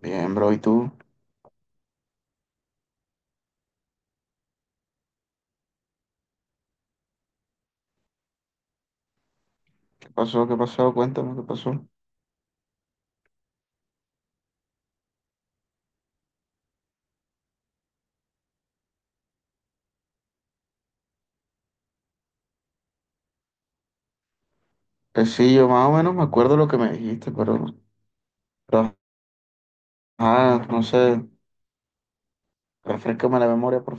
Bien, bro, ¿y tú? ¿Qué pasó? ¿Qué pasó? Cuéntame, ¿qué pasó? Pues sí, yo más o menos me acuerdo lo que me dijiste, pero, ajá, no sé, refrescame la memoria, por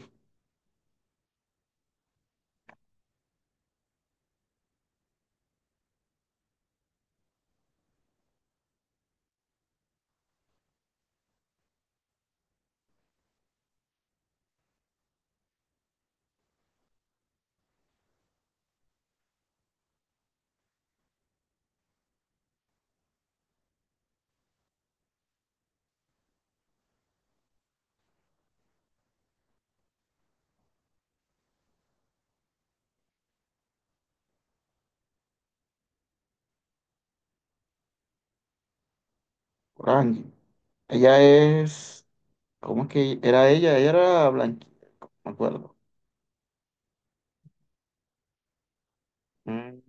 favor, Angie. Ella es, ¿cómo es que era ella? Ella era blanquita, me acuerdo. Mm.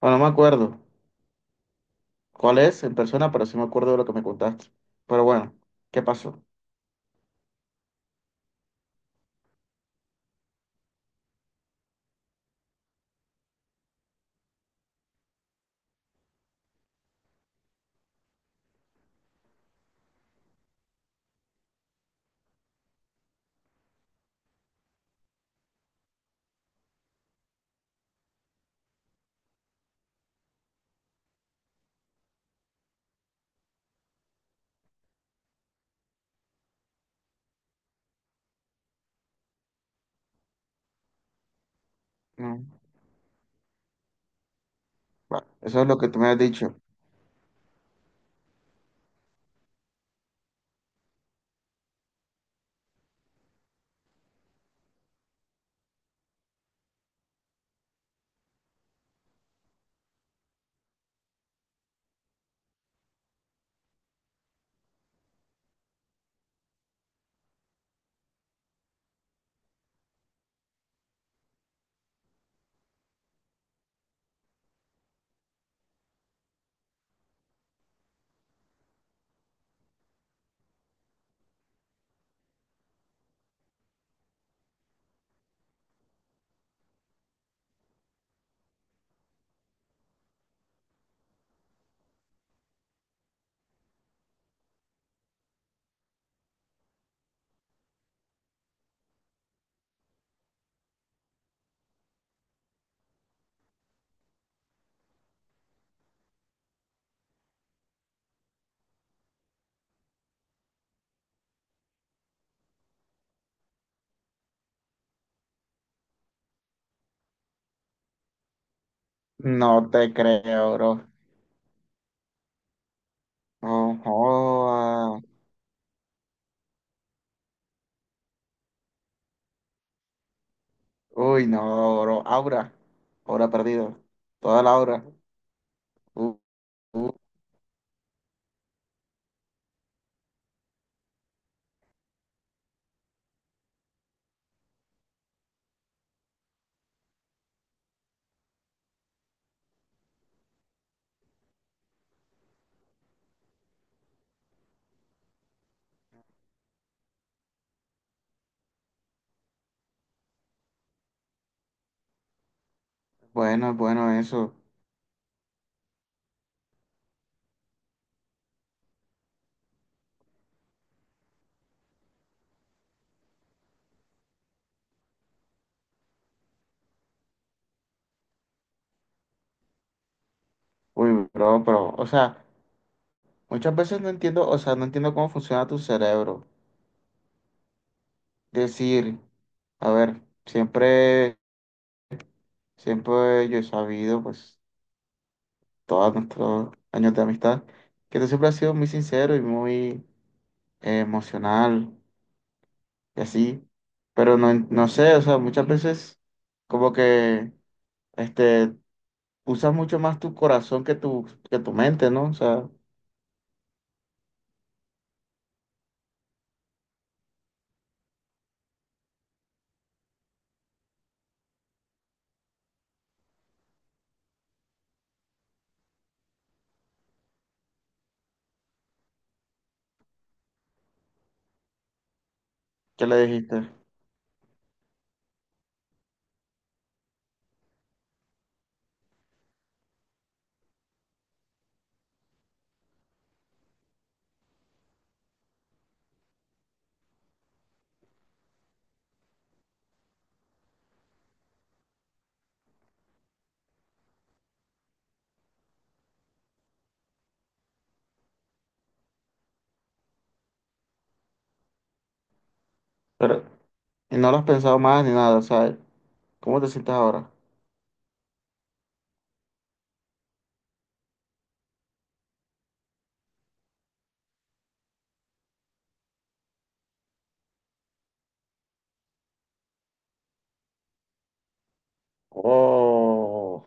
Bueno, no me acuerdo cuál es en persona, pero sí me acuerdo de lo que me contaste. Pero bueno, ¿qué pasó? Mm. Bueno, eso es lo que tú me has dicho. No te creo, bro. No jodas. Uy, no, bro. Aura. Aura perdida. Toda la aura. Uh, uh, bueno, bueno, eso. Uy, bro, pero, o sea, muchas veces no entiendo, o sea, no entiendo cómo funciona tu cerebro. Decir, a ver, siempre yo he sabido, pues, todos nuestros años de amistad, que tú siempre has sido muy sincero y muy emocional y así. Pero no, en- no sé, o sea, muchas veces como que, este, usas mucho más tu corazón que que tu mente, ¿no? O sea, ¿qué le dijiste? Pero, y no lo has pensado más ni nada, o sea, ¿cómo te sientes ahora? Oh,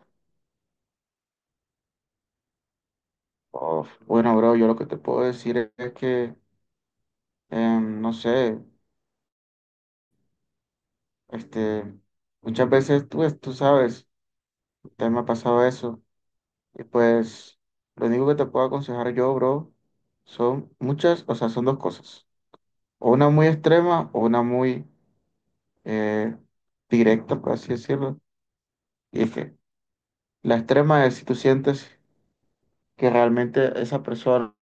oh, bueno, bro, yo lo que te puedo decir es que, no sé, este, muchas veces tú sabes, te me ha pasado eso, y pues lo único que te puedo aconsejar yo, bro, son muchas, o sea, son dos cosas, o una muy extrema o una muy eh, directa, por así decirlo. Y es que la extrema es si tú sientes que realmente esa persona,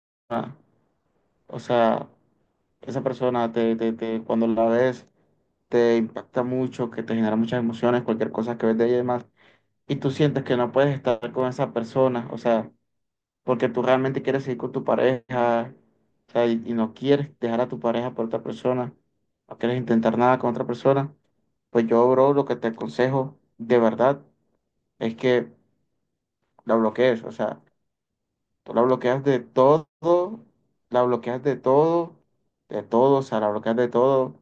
o sea, esa persona te- cuando la ves te impacta mucho, que te genera muchas emociones, cualquier cosa que ves de ella y demás, y tú sientes que no puedes estar con esa persona, o sea, porque tú realmente quieres seguir con tu pareja, o sea, y no quieres dejar a tu pareja por otra persona, no quieres intentar nada con otra persona, pues yo, bro, lo que te aconsejo de verdad es que la bloquees, o sea. Tú la bloqueas de todo, la bloqueas de todo, o sea, la bloqueas de todo,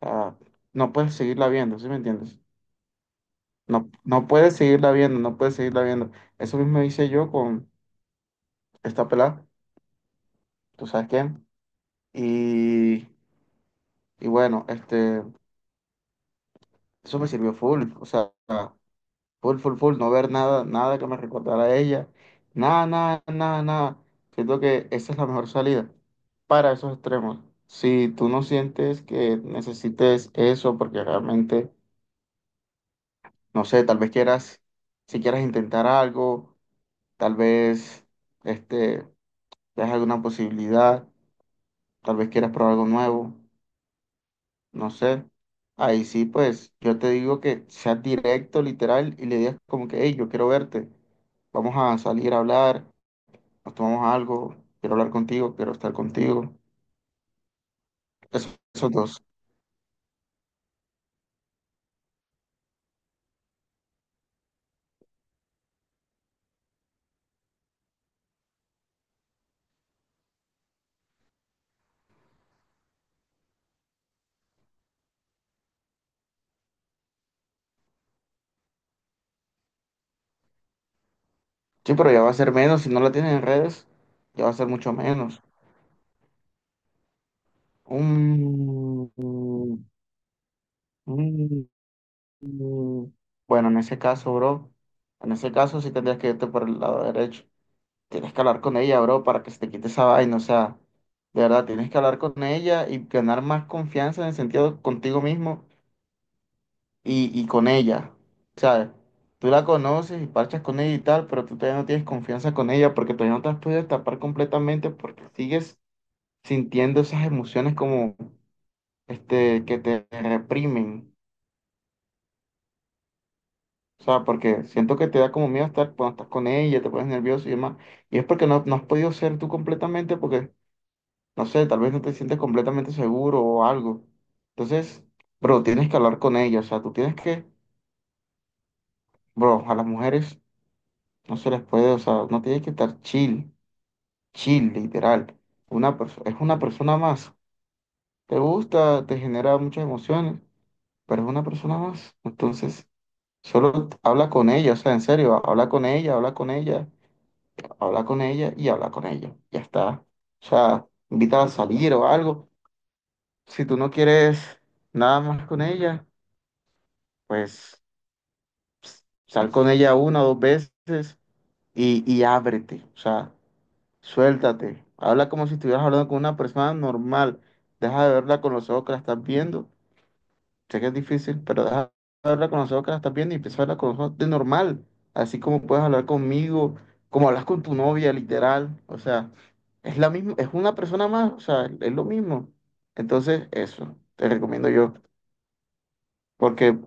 o no puedes seguirla viendo, ¿sí me entiendes? No, no puedes seguirla viendo, no puedes seguirla viendo. Eso mismo hice yo con esta pelada, ¿tú sabes quién? Y, y bueno, este, eso me sirvió full, o sea, full, full, full, no ver nada, nada que me recordara a ella. Nada, nada, nada, nada. Siento que esa es la mejor salida para esos extremos. Si tú no sientes que necesites eso, porque realmente, no sé, tal vez quieras, si quieras intentar algo, tal vez, este, veas alguna posibilidad, tal vez quieras probar algo nuevo, no sé. Ahí sí, pues, yo te digo que seas directo, literal, y le digas como que, hey, yo quiero verte, vamos a salir a hablar, nos tomamos algo, quiero hablar contigo, quiero estar contigo. Eso- esos dos. Sí, pero ya va a ser menos. Si no la tienen en redes, ya va a ser mucho menos. Mm, mm, mm. Bueno, en ese caso, bro, en ese caso sí tendrías que irte por el lado derecho. Tienes que hablar con ella, bro, para que se te quite esa vaina. O sea, de verdad, tienes que hablar con ella y ganar más confianza en el sentido contigo mismo y con ella. ¿Sabes? Tú la conoces y parchas con ella y tal, pero tú todavía no tienes confianza con ella porque todavía no te has podido tapar completamente porque sigues sintiendo esas emociones como este que te reprimen. O sea, porque siento que te da como miedo estar cuando estás con ella, te pones nervioso y demás. Y es porque no has podido ser tú completamente porque, no sé, tal vez no te sientes completamente seguro o algo. Entonces, bro, tienes que hablar con ella. O sea, tú tienes que, bro, a las mujeres. No se les puede, o sea, no tiene que estar chill, chill, literal. Una persona, es una persona más. Te gusta, te genera muchas emociones, pero es una persona más. Entonces, solo habla con ella, o sea, en serio, habla con ella, habla con ella, habla con ella y habla con ella. Ya está. O sea, invítala a salir o algo. Si tú no quieres nada más con ella, pues sal con ella una o dos veces y ábrete. O sea, suéltate. Habla como si estuvieras hablando con una persona normal. Deja de verla con los ojos que la estás viendo. Sé que es difícil, pero deja de verla con los ojos que la estás viendo y empieza a hablar con los ojos de normal. Así como puedes hablar conmigo, como hablas con tu novia, literal. O sea, es la misma, es una persona más, o sea, es lo mismo. Entonces, eso, te recomiendo yo. Porque,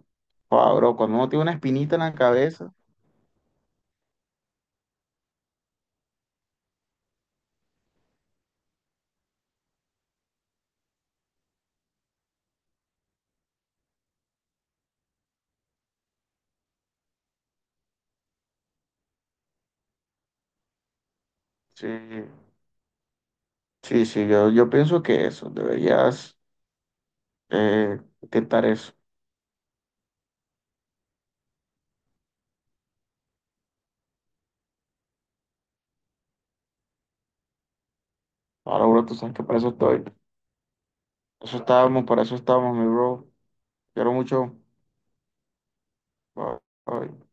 joda, bro, cuando uno tiene una espinita en la cabeza, sí, sí, sí, yo pienso que eso, deberías intentar eso. Ahora, bro, tú sabes que para eso estoy. Para eso estábamos, mi bro. Quiero mucho. Bye. Bye.